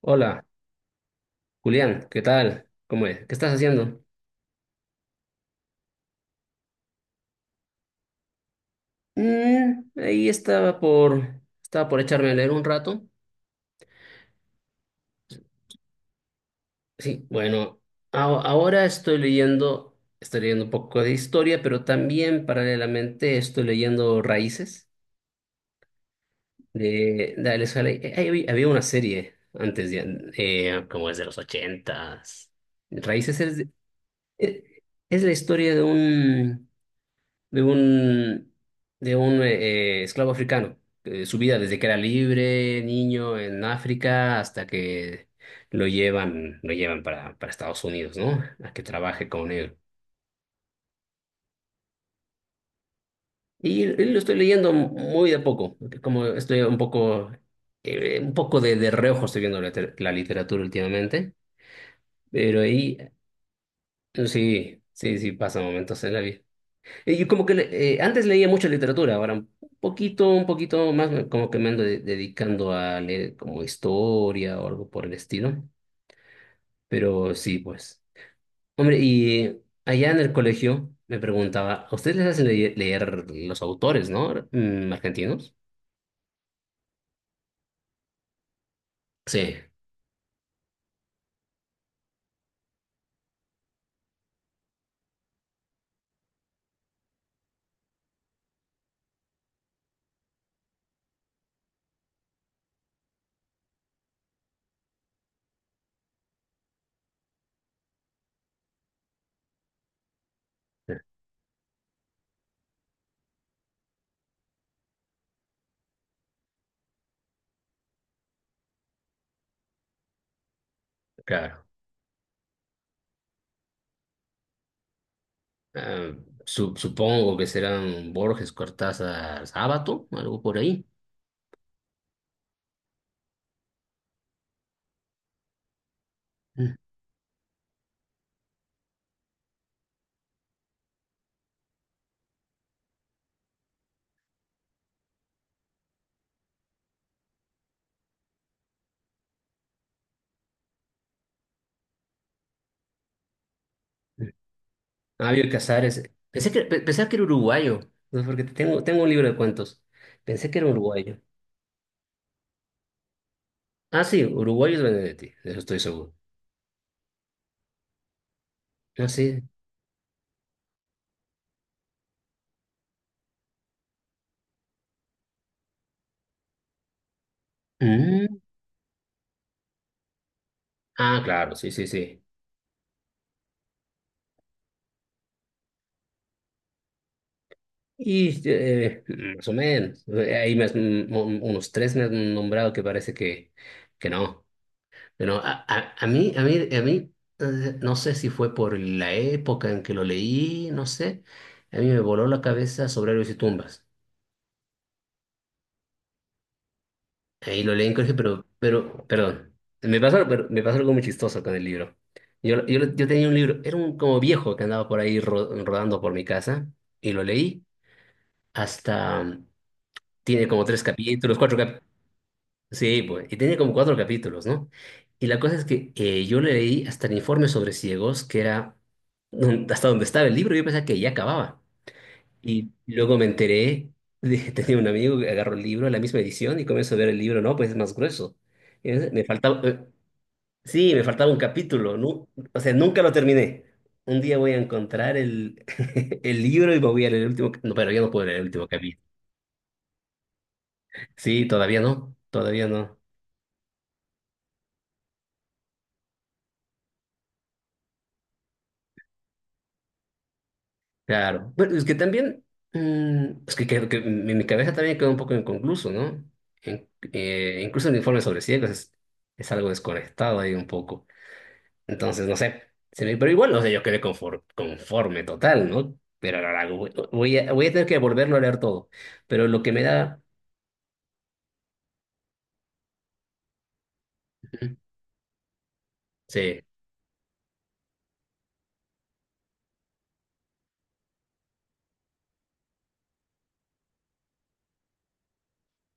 Hola, Julián, ¿qué tal? ¿Cómo es? ¿Qué estás haciendo? Ahí estaba por echarme a leer un rato. Sí, bueno, ahora estoy leyendo, un poco de historia, pero también paralelamente estoy leyendo Raíces de Alex Haley. Ahí había una serie antes de, como es de los ochentas. Raíces eh, es la historia de un, de un esclavo africano. Su vida desde que era libre, niño en África, hasta que lo llevan para Estados Unidos, ¿no? A que trabaje con él. Y lo estoy leyendo muy de a poco, porque como estoy un poco de reojo estoy viendo la literatura últimamente, pero ahí sí, sí, sí, pasa momentos en la vida. Yo como que antes leía mucha literatura, ahora un poquito más como que me ando dedicando a leer como historia o algo por el estilo. Pero sí, pues. Hombre, y allá en el colegio me preguntaba, ¿a ustedes les hacen leer los autores, ¿no? Argentinos? Sí, claro. Ah, supongo que serán Borges, Cortázar, Sábato, algo por ahí. Mm. Fabio Casares. Pensaba que era uruguayo, ¿no? Porque tengo un libro de cuentos. Pensé que era uruguayo. Ah, sí, uruguayo es Benedetti, de eso estoy seguro. Ah, sí. Mm. Ah, claro, sí, sí, sí. Y eh, Más o menos. Ahí me has- mm, un- unos tres me han nombrado que parece que no. Pero a mí, no sé si fue por la época en que lo leí, no sé. A mí me voló la cabeza sobre héroes y tumbas. Ahí lo leí en colegio, perdón. Me pasó, pero me pasó algo muy chistoso con el libro. Yo tenía un libro, era un como viejo que andaba por ahí rodando por mi casa, y lo leí hasta, tiene como tres capítulos, cuatro capítulos. Sí, pues, y tenía como cuatro capítulos, ¿no? Y la cosa es que yo le leí hasta el informe sobre ciegos, que era hasta donde estaba el libro. Yo pensaba que ya acababa. Y luego me enteré, que tenía un amigo que agarró el libro, la misma edición, y comienzo a ver el libro, no, pues es más grueso. Me faltaba, sí, me faltaba un capítulo, o sea, nunca lo terminé. Un día voy a encontrar el libro y me voy a leer el último, no, pero ya no puedo leer el último capítulo. Sí, todavía no, todavía no. Claro. Bueno, es que también, creo que mi cabeza también quedó un poco inconcluso, ¿no? Incluso el informe sobre ciegos es algo desconectado ahí un poco. Entonces, no sé, pero igual, no sé, yo quedé conforme, conforme total, ¿no? Pero ahora voy a tener que volverlo a leer todo. Pero lo que me da. Ujú. Sí,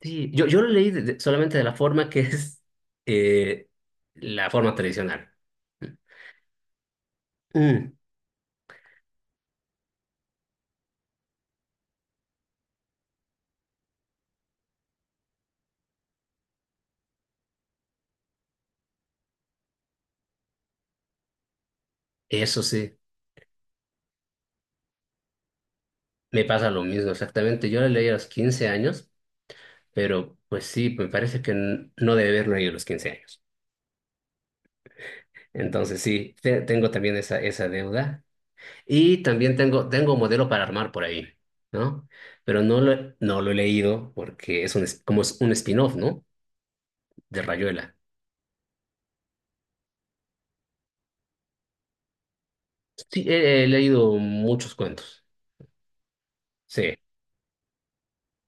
sí, yo lo leí solamente de la forma que es, eh, la forma tradicional. Mm, Eso sí, me pasa lo mismo exactamente. Yo lo leí a los 15 años, pero pues sí, me parece que no debe haberlo leído a los 15 años. Entonces sí, tengo también esa deuda. Y también tengo un modelo para armar por ahí, ¿no? Pero no lo he leído porque como es un spin-off, ¿no? De Rayuela. Sí, he leído muchos cuentos, sí.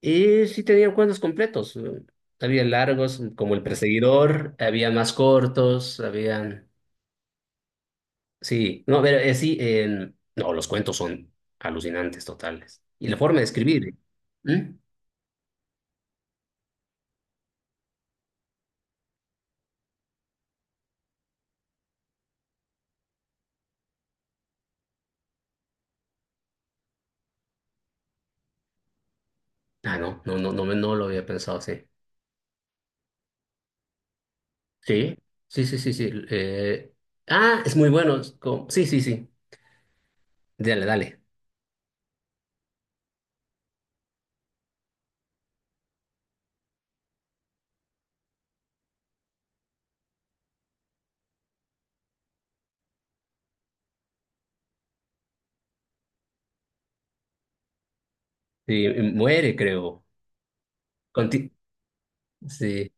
Y sí tenían cuentos completos. Había largos, como El Perseguidor, había más cortos, habían... Sí, no, pero sí, no, los cuentos son alucinantes, totales. Y la forma de escribir, ¿eh? ¿Mm? Ah, no, no, no, no, no lo había pensado. Sí, sí, sí, sí, sí. Es muy bueno. Sí, sí, sí. Dale, dale. Sí, muere, creo. Conti- Sí,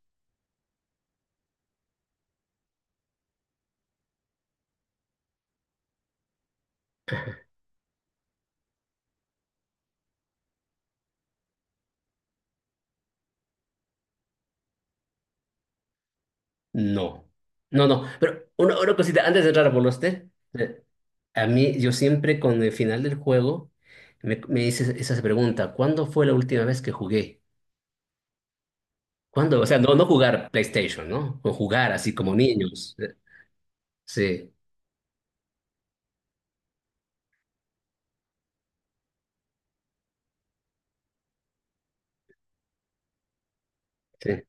no. No, no. Pero una cosita, antes de entrar a Poloste, a mí, yo siempre con el final del juego me hice esa pregunta: ¿cuándo fue la última vez que jugué? ¿Cuándo? O sea, no, no jugar PlayStation, ¿no? O jugar así como niños. Sí, sí,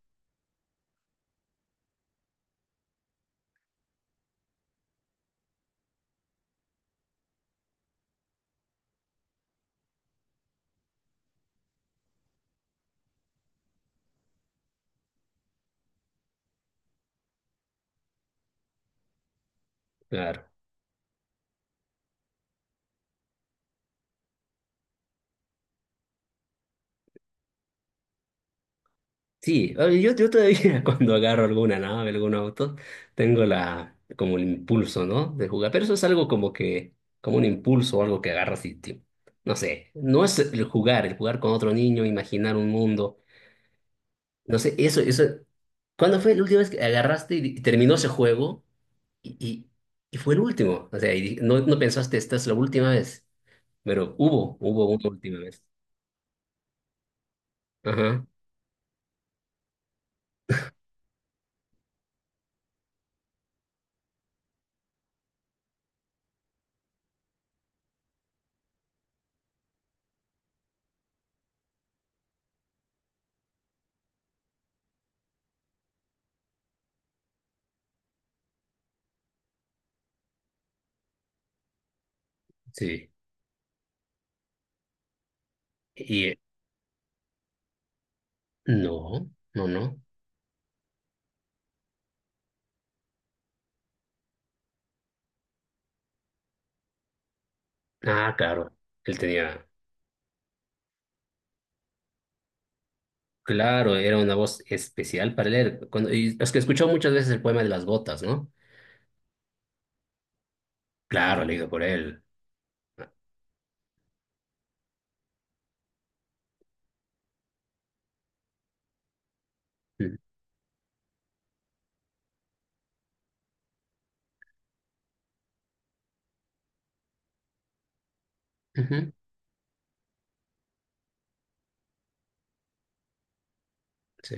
claro. Sí, a ver, yo todavía cuando agarro alguna nave, algún auto, tengo como el impulso, ¿no? De jugar, pero eso es algo como que, como un impulso o algo que agarras no sé, no es el jugar, con otro niño, imaginar un mundo, no sé, ¿cuándo fue la última vez que agarraste y terminó ese juego y, y, y fue el último? O sea, no, no pensaste, esta es la última vez, pero hubo una última vez. Ajá, sí. Y eh, no, no, no. Ah, claro, él tenía, claro, era una voz especial para leer. Y es que escuchó muchas veces el poema de las gotas, ¿no? Claro, leído por él. Mm. Ujú. Sí,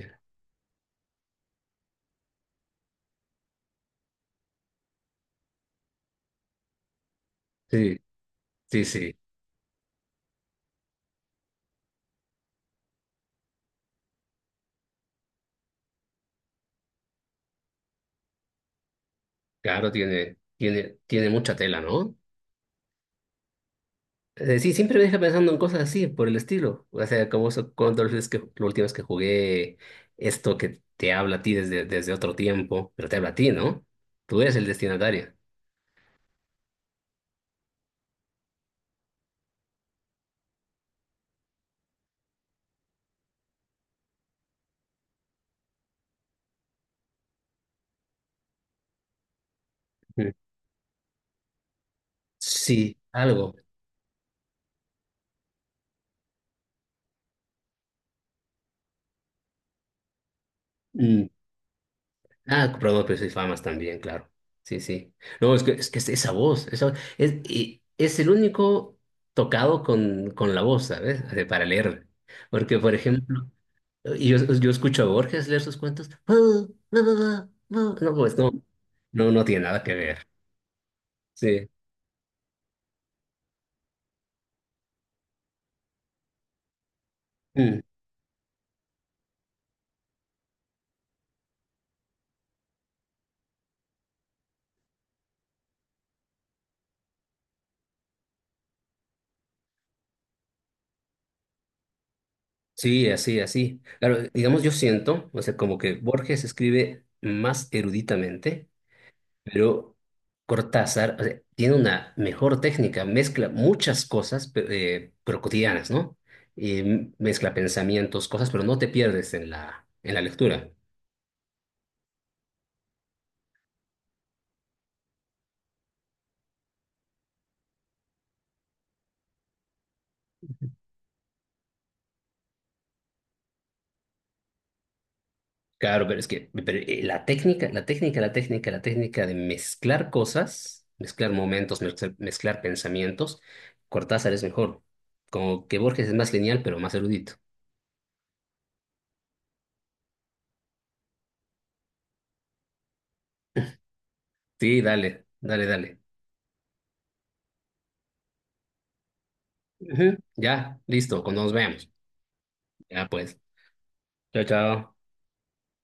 sí, sí, sí, claro, tiene mucha tela, ¿no? Sí, siempre me deja pensando en cosas así, por el estilo. O sea, como eso, cuando es que la última vez que jugué, esto que te habla a ti desde otro tiempo, pero te habla a ti, ¿no? Tú eres el destinatario. Mm. Sí, algo. Mm, Ah, comprador de precios y famas también, claro. Sí, sí. No, es que es esa voz, y es el único tocado con la voz, ¿sabes? Así, para leerla. Porque, por ejemplo, y yo escucho a Borges leer sus cuentos. "Ah, ah, ah, ah". No, pues no, no, no tiene nada que ver. Sí. Mm. Sí, así, así. Claro, digamos, yo siento, o sea, como que Borges escribe más eruditamente. Pero Cortázar, o sea, tiene una mejor técnica, mezcla muchas cosas, pero cotidianas, ¿no? Y mezcla pensamientos, cosas, pero no te pierdes en la lectura. Claro, la técnica de mezclar cosas, mezclar momentos, mezclar pensamientos, Cortázar es mejor. Como que Borges es más lineal, pero más erudito. Sí, dale, dale, dale. Ujú. Ya, listo, cuando nos veamos. Ya pues. Chao, chao.